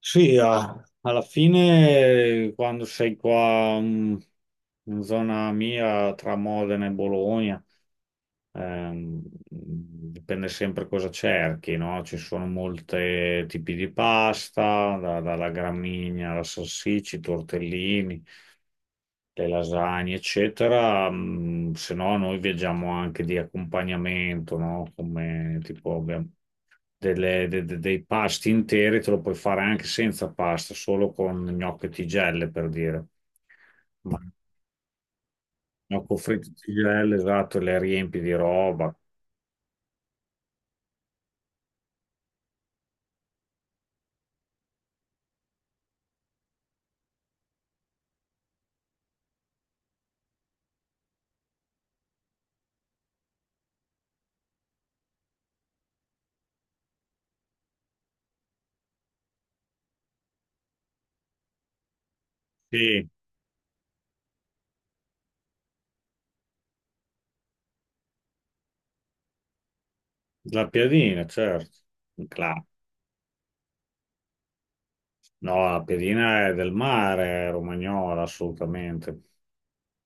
Sì, alla fine quando sei qua, in zona mia tra Modena e Bologna, ehm, dipende sempre cosa cerchi, no? Ci sono molti tipi di pasta, dalla gramigna alla salsiccia, i tortellini, le lasagne, eccetera. Se no, noi viaggiamo anche di accompagnamento, no? Come tipo abbiamo dei pasti interi, te lo puoi fare anche senza pasta, solo con gnocchi e tigelle, per dire. Ma gnocco fritto e tigelle, esatto, le riempi di roba. Sì, la piadina, certo. La- no, la piadina è del mare, è romagnola, assolutamente.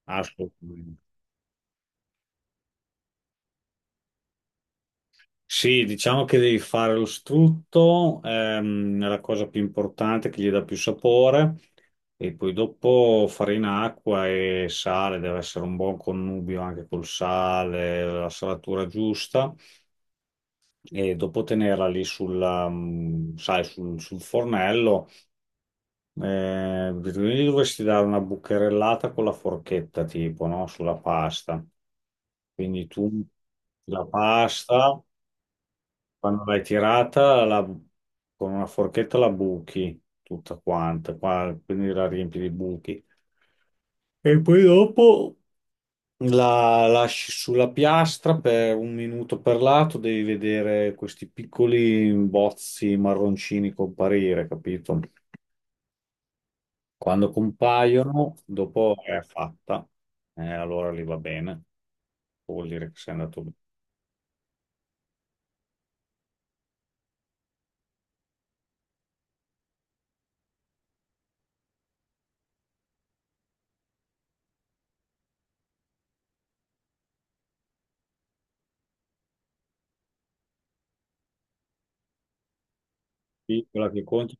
Assolutamente. Sì, diciamo che devi fare lo strutto, è la cosa più importante che gli dà più sapore, e poi dopo farina, acqua e sale, deve essere un buon connubio anche col sale, la salatura giusta, e dopo tenerla lì sulla, sai, sul fornello, gli dovresti dare una bucherellata con la forchetta, tipo, no? Sulla pasta. Quindi tu la pasta quando l'hai tirata con una forchetta la buchi tutta quanta, quindi la riempi di buchi. E poi dopo la lasci sulla piastra per un minuto per lato, devi vedere questi piccoli bozzi marroncini comparire, capito? Quando compaiono, dopo è fatta. Allora lì va bene, vuol dire che sei andato bene. Piccola che conti.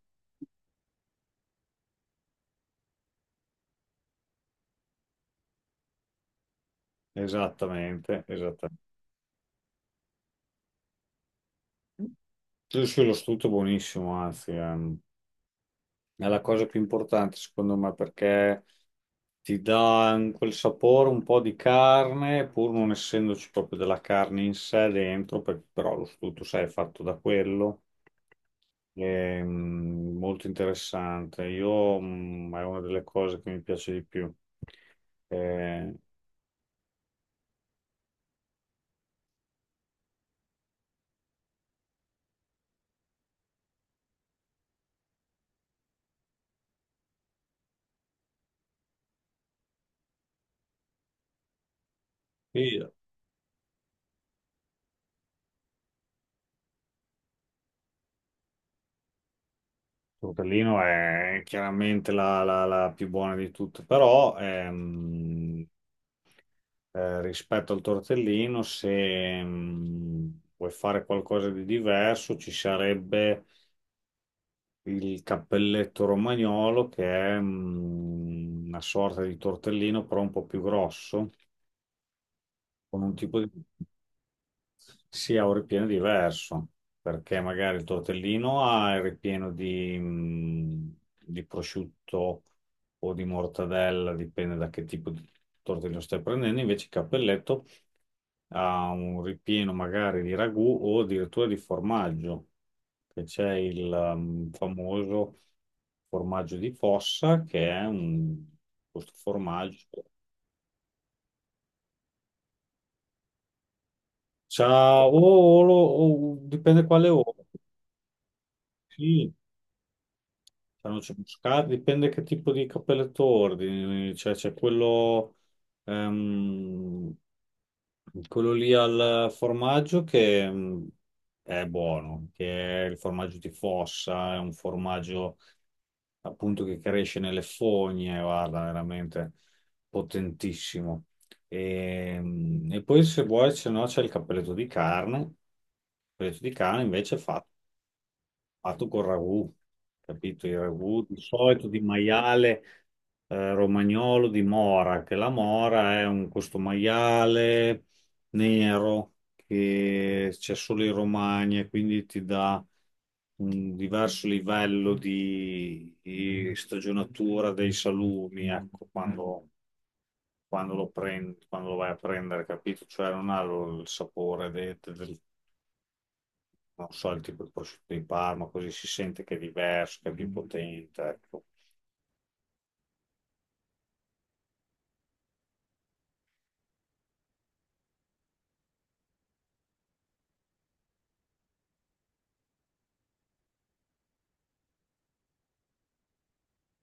Esattamente, esattamente. Sì, sì, lo strutto è buonissimo, anzi, è la cosa più importante secondo me, perché ti dà quel sapore un po' di carne, pur non essendoci proprio della carne in sé dentro, però lo strutto, sai, è fatto da quello, è, molto interessante. Io, è una delle cose che mi piace di più. Eh, sì, il tortellino è chiaramente la più buona di tutte, però... rispetto al tortellino, se vuoi fare qualcosa di diverso, ci sarebbe il cappelletto romagnolo, che è, una sorta di tortellino, però un po' più grosso, con un tipo di... Sì, ha un ripieno diverso, perché magari il tortellino ha il ripieno di prosciutto o di mortadella, dipende da che tipo di tortellino stai prendendo, invece il cappelletto ha un ripieno magari di ragù o addirittura di formaggio, che c'è il famoso formaggio di fossa, che è un, questo formaggio. C'ha o, dipende quale oro. Sanno ciucciare, dipende che tipo di cappelletto ordini, cioè c'è quello, ehm, quello lì al formaggio che è buono, che è il formaggio di fossa, è un formaggio appunto che cresce nelle fogne, guarda, veramente potentissimo. E poi se vuoi, se no c'è il cappelletto di carne, il cappelletto di carne invece fatto fatto col ragù, capito? Il ragù di solito di maiale, romagnolo di mora, che la mora è un, questo maiale nero che c'è solo in Romagna, e quindi ti dà un diverso livello di stagionatura dei salumi, ecco, quando, quando lo prendi, quando lo vai a prendere, capito? Cioè non ha il sapore del, non so, il tipo di prosciutto di Parma, così si sente che è diverso, che è più potente, ecco.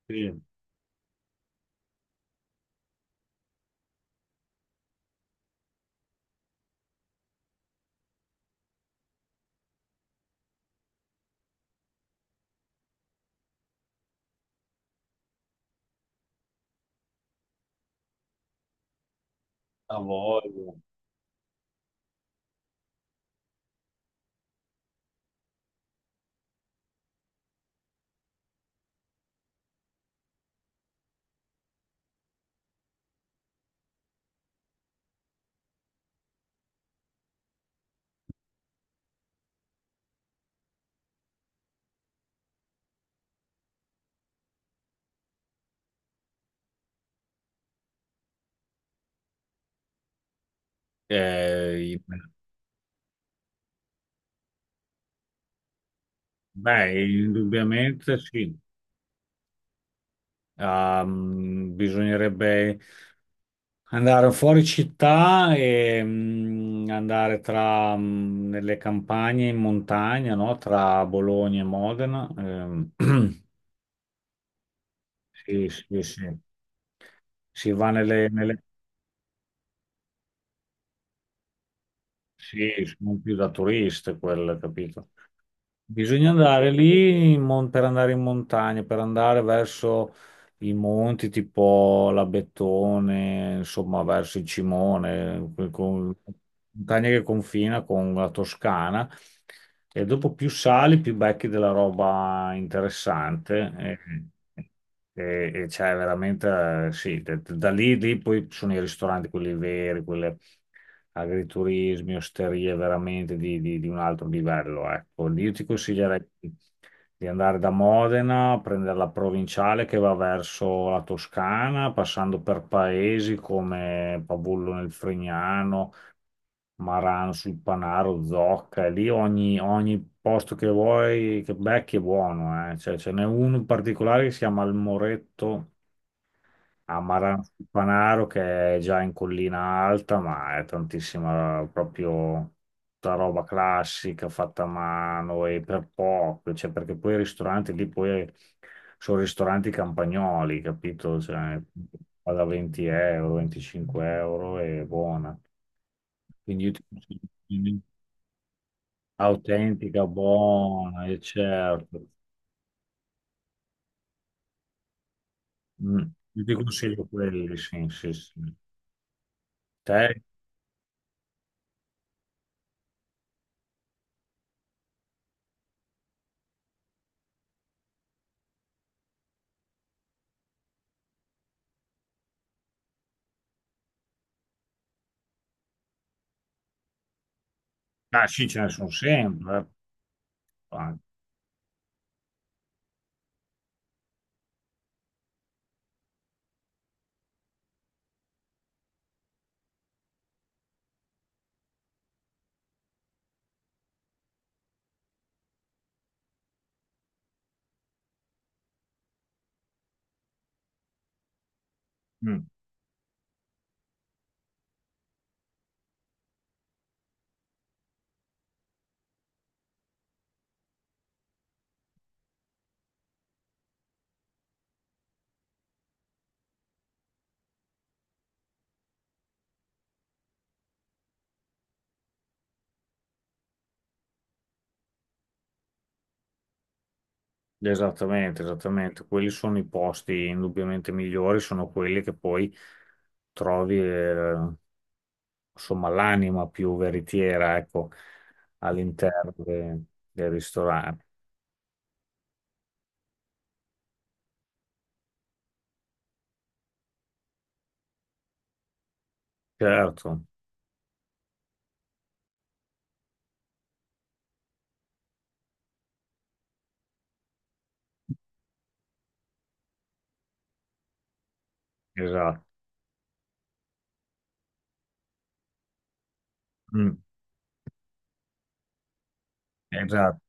Sì, a voglia. Eh, i- beh, indubbiamente sì. Bisognerebbe andare fuori città e, andare tra, nelle campagne in montagna, no? Tra Bologna e Modena. Sì, sì, sì. Si va nelle, nelle... Sì, sono più da turiste quelle, capito? Bisogna andare lì in per andare in montagna, per andare verso i monti tipo la Bettone, insomma verso il Cimone, montagna che confina con la Toscana. E dopo più sali, più becchi della roba interessante. E c'è veramente, sì, da lì, lì poi ci sono i ristoranti, quelli veri, agriturismi, osterie veramente di, di un altro livello. Ecco. Io ti consiglierei di andare da Modena, prendere la provinciale che va verso la Toscana, passando per paesi come Pavullo nel Fregnano, Marano sul Panaro, Zocca, e lì ogni, ogni posto che vuoi, che becchi è buono. Eh. Cioè, ce n'è uno in particolare che si chiama il Moretto a Marano sul Panaro, che è già in collina alta, ma è tantissima proprio tutta roba classica fatta a mano e per poco, cioè perché poi i ristoranti lì poi sono ristoranti campagnoli, capito? Cioè, va da 20 euro, 25 euro e buona. Quindi io ti consiglio autentica, buona, e certo. Mm. Io ti consiglio quelli, sì, sì, sì. Te? Ah, sì, ce ne sono sempre, eh. Mm, esattamente, esattamente. Quelli sono i posti indubbiamente migliori, sono quelli che poi trovi, insomma, l'anima più veritiera, ecco, all'interno del ristorante. Certo, esatto. Mm, esatto.